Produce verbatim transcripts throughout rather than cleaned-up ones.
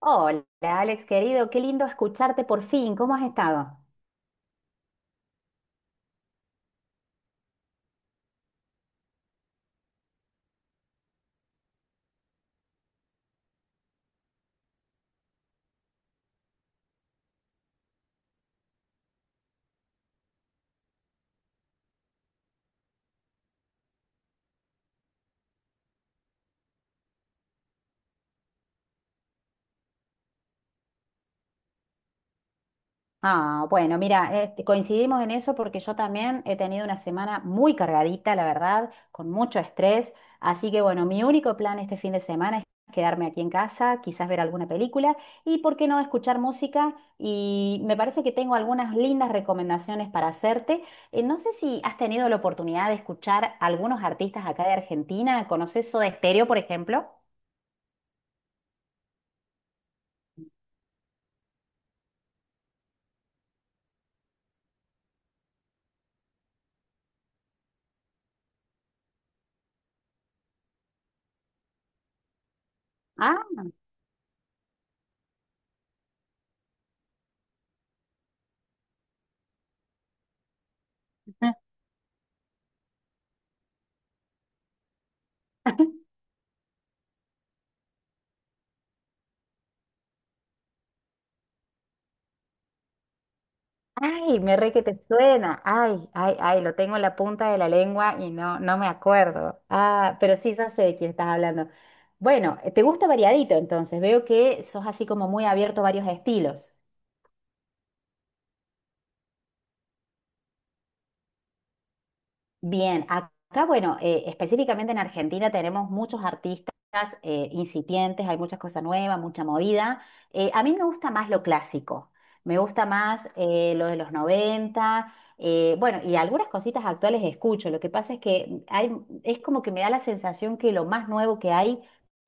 Hola, Alex, querido, qué lindo escucharte por fin. ¿Cómo has estado? Ah, bueno, mira, este, coincidimos en eso porque yo también he tenido una semana muy cargadita, la verdad, con mucho estrés. Así que bueno, mi único plan este fin de semana es quedarme aquí en casa, quizás ver alguna película y, ¿por qué no?, escuchar música. Y me parece que tengo algunas lindas recomendaciones para hacerte. Eh, no sé si has tenido la oportunidad de escuchar algunos artistas acá de Argentina. ¿Conoces Soda Stereo, por ejemplo? Ah. Ay, me re que te suena. Ay, ay, ay, lo tengo en la punta de la lengua y no, no me acuerdo. Ah, pero sí, ya sé de quién estás hablando. Bueno, te gusta variadito entonces. Veo que sos así como muy abierto a varios estilos. Bien, acá, bueno, eh, específicamente en Argentina tenemos muchos artistas eh, incipientes, hay muchas cosas nuevas, mucha movida. Eh, a mí me gusta más lo clásico, me gusta más eh, lo de los noventa. Eh, bueno, y algunas cositas actuales escucho. Lo que pasa es que hay, es como que me da la sensación que lo más nuevo que hay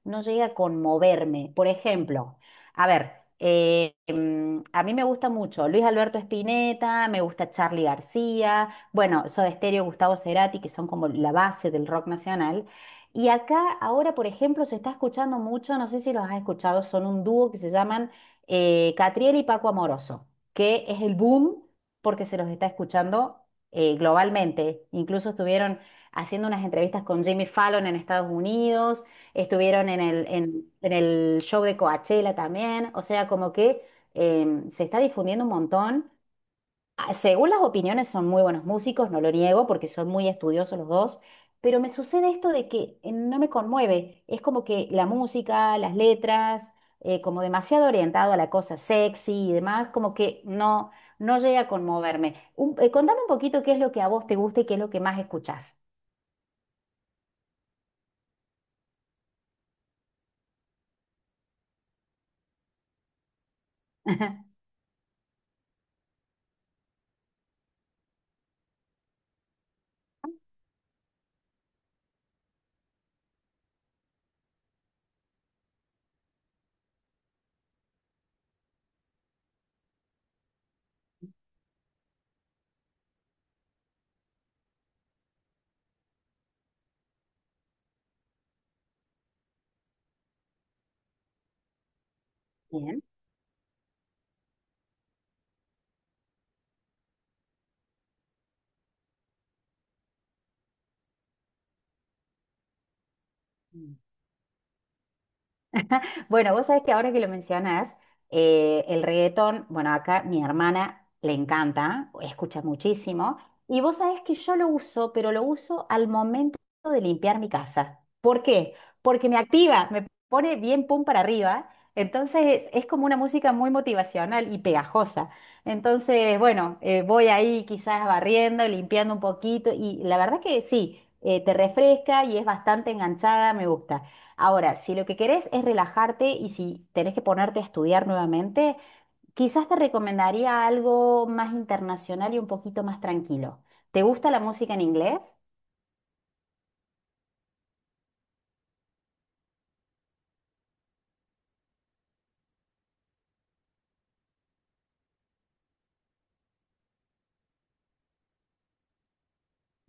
no llega a conmoverme. Por ejemplo, a ver, eh, mm, a mí me gusta mucho Luis Alberto Spinetta, me gusta Charly García. Bueno, Soda Stereo, Gustavo Cerati, que son como la base del rock nacional. Y acá ahora, por ejemplo, se está escuchando mucho, no sé si los has escuchado, son un dúo que se llaman eh, Catriel y Paco Amoroso, que es el boom porque se los está escuchando eh, globalmente. Incluso estuvieron haciendo unas entrevistas con Jimmy Fallon en Estados Unidos, estuvieron en el, en, en el show de Coachella también, o sea, como que em, se está difundiendo un montón. Ah, según las opiniones, son muy buenos músicos, no lo niego, porque son muy estudiosos los dos, pero me sucede esto de que eh, no me conmueve. Es como que la música, las letras, eh, como demasiado orientado a la cosa sexy y demás, como que no, no llega a conmoverme. Un- eh, contame un poquito qué es lo que a vos te gusta y qué es lo que más escuchás. Bien. Bueno, vos sabés que ahora que lo mencionás, eh, el reggaetón, bueno, acá mi hermana le encanta, escucha muchísimo, y vos sabés que yo lo uso, pero lo uso al momento de limpiar mi casa. ¿Por qué? Porque me activa, me pone bien pum para arriba, entonces es como una música muy motivacional y pegajosa. Entonces, bueno, eh, voy ahí quizás barriendo, limpiando un poquito, y la verdad que sí, eh, te refresca y es bastante enganchada, me gusta. Ahora, si lo que querés es relajarte y si tenés que ponerte a estudiar nuevamente, quizás te recomendaría algo más internacional y un poquito más tranquilo. ¿Te gusta la música en inglés?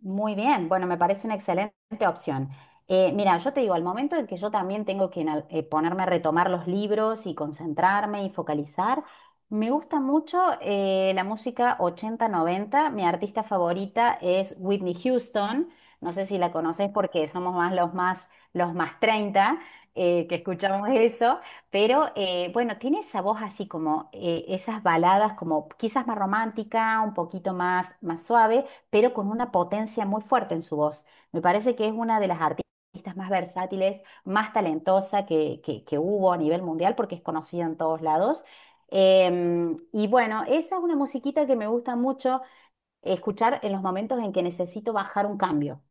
Muy bien, bueno, me parece una excelente opción. Eh, mira, yo te digo, al momento en que yo también tengo que en al- eh, ponerme a retomar los libros y concentrarme y focalizar, me gusta mucho eh, la música ochenta noventa. Mi artista favorita es Whitney Houston. No sé si la conocés porque somos más los más, los más treinta eh, que escuchamos eso, pero eh, bueno, tiene esa voz así como eh, esas baladas como quizás más romántica, un poquito más, más suave pero con una potencia muy fuerte en su voz. Me parece que es una de las artistas más versátiles, más talentosa que, que- que hubo a nivel mundial porque es conocida en todos lados. Em, y bueno, esa es una musiquita que me gusta mucho escuchar en los momentos en que necesito bajar un cambio.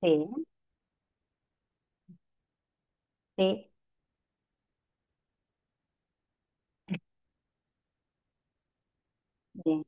Sí. Sí, sí.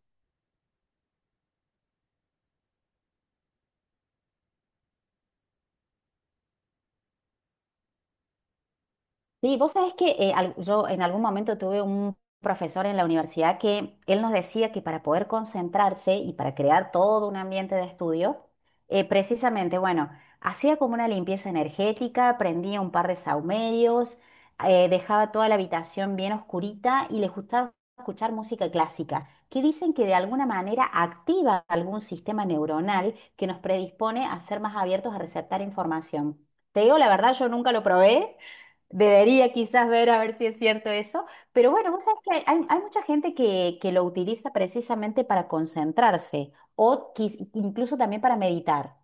Sí, vos sabés que eh, al- yo en algún momento tuve un profesor en la universidad que él nos decía que para poder concentrarse y para crear todo un ambiente de estudio, eh, precisamente, bueno, hacía como una limpieza energética, prendía un par de saumerios, eh, dejaba toda la habitación bien oscurita y le gustaba escuchar música clásica, que dicen que de alguna manera activa algún sistema neuronal que nos predispone a ser más abiertos a receptar información. Te digo la verdad, yo nunca lo probé. Debería quizás ver a ver si es cierto eso, pero bueno, vos sabés que hay, hay- hay mucha gente que, que lo utiliza precisamente para concentrarse o quiz- incluso también para meditar.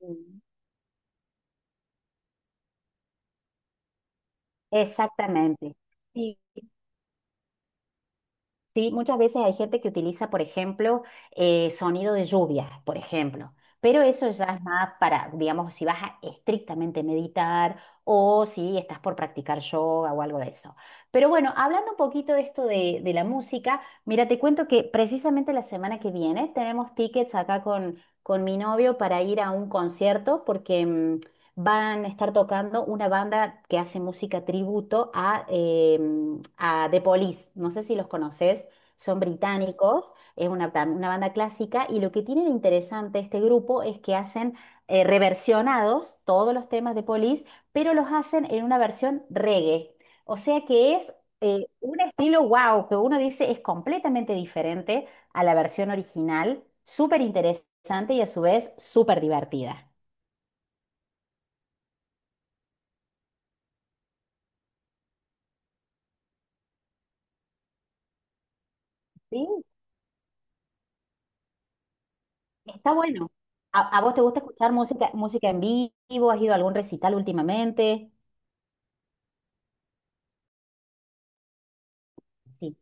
Ujú. Exactamente. Sí, muchas veces hay gente que utiliza, por ejemplo, eh, sonido de lluvia, por ejemplo, pero eso ya es más para, digamos, si vas a estrictamente meditar o si estás por practicar yoga o algo de eso. Pero bueno, hablando un poquito de esto de, de la música, mira, te cuento que precisamente la semana que viene tenemos tickets acá con, con mi novio para ir a un concierto porque mm, van a estar tocando una banda que hace música tributo a, eh, a The Police. No sé si los conoces, son británicos, es una, tam- una banda clásica y lo que tiene de interesante este grupo es que hacen eh, reversionados todos los temas de Police, pero los hacen en una versión reggae. O sea que es eh, un estilo wow, que uno dice es completamente diferente a la versión original, súper interesante y a su vez súper divertida. Está bueno. ¿A, a vos te gusta escuchar música, música en vivo? ¿Has ido a algún recital últimamente? Sí.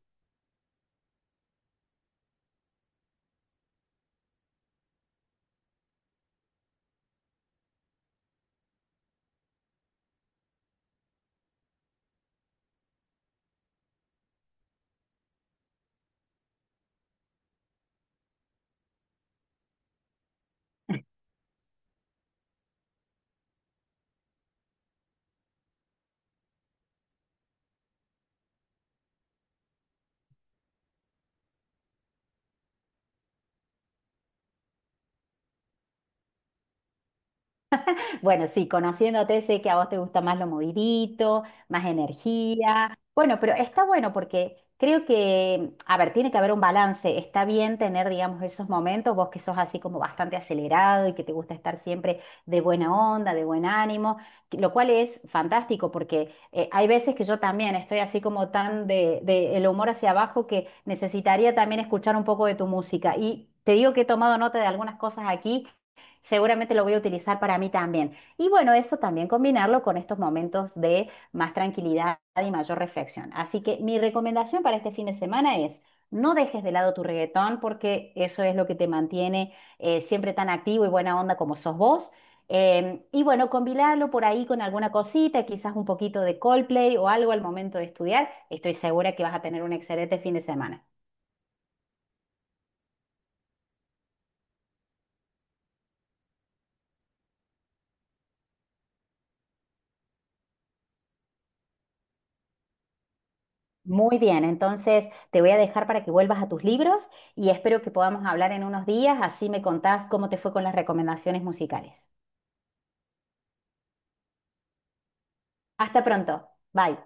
Bueno, sí, conociéndote sé que a vos te gusta más lo movidito, más energía. Bueno, pero está bueno porque creo que, a ver, tiene que haber un balance. Está bien tener, digamos, esos momentos, vos que sos así como bastante acelerado y que te gusta estar siempre de buena onda, de buen ánimo, que- lo cual es fantástico porque eh, hay veces que yo también estoy así como tan de, de el humor hacia abajo que necesitaría también escuchar un poco de tu música. Y te digo que he tomado nota de algunas cosas aquí. Seguramente lo voy a utilizar para mí también. Y bueno, eso también combinarlo con estos momentos de más tranquilidad y mayor reflexión. Así que mi recomendación para este fin de semana es, no dejes de lado tu reggaetón porque eso es lo que te mantiene eh, siempre tan activo y buena onda como sos vos. Em, y bueno, combinarlo por ahí con alguna cosita, quizás un poquito de Coldplay o algo al momento de estudiar. Estoy segura que vas a tener un excelente fin de semana. Muy bien, entonces te voy a dejar para que vuelvas a tus libros y espero que podamos hablar en unos días, así me contás cómo te fue con las recomendaciones musicales. Hasta pronto. Bye.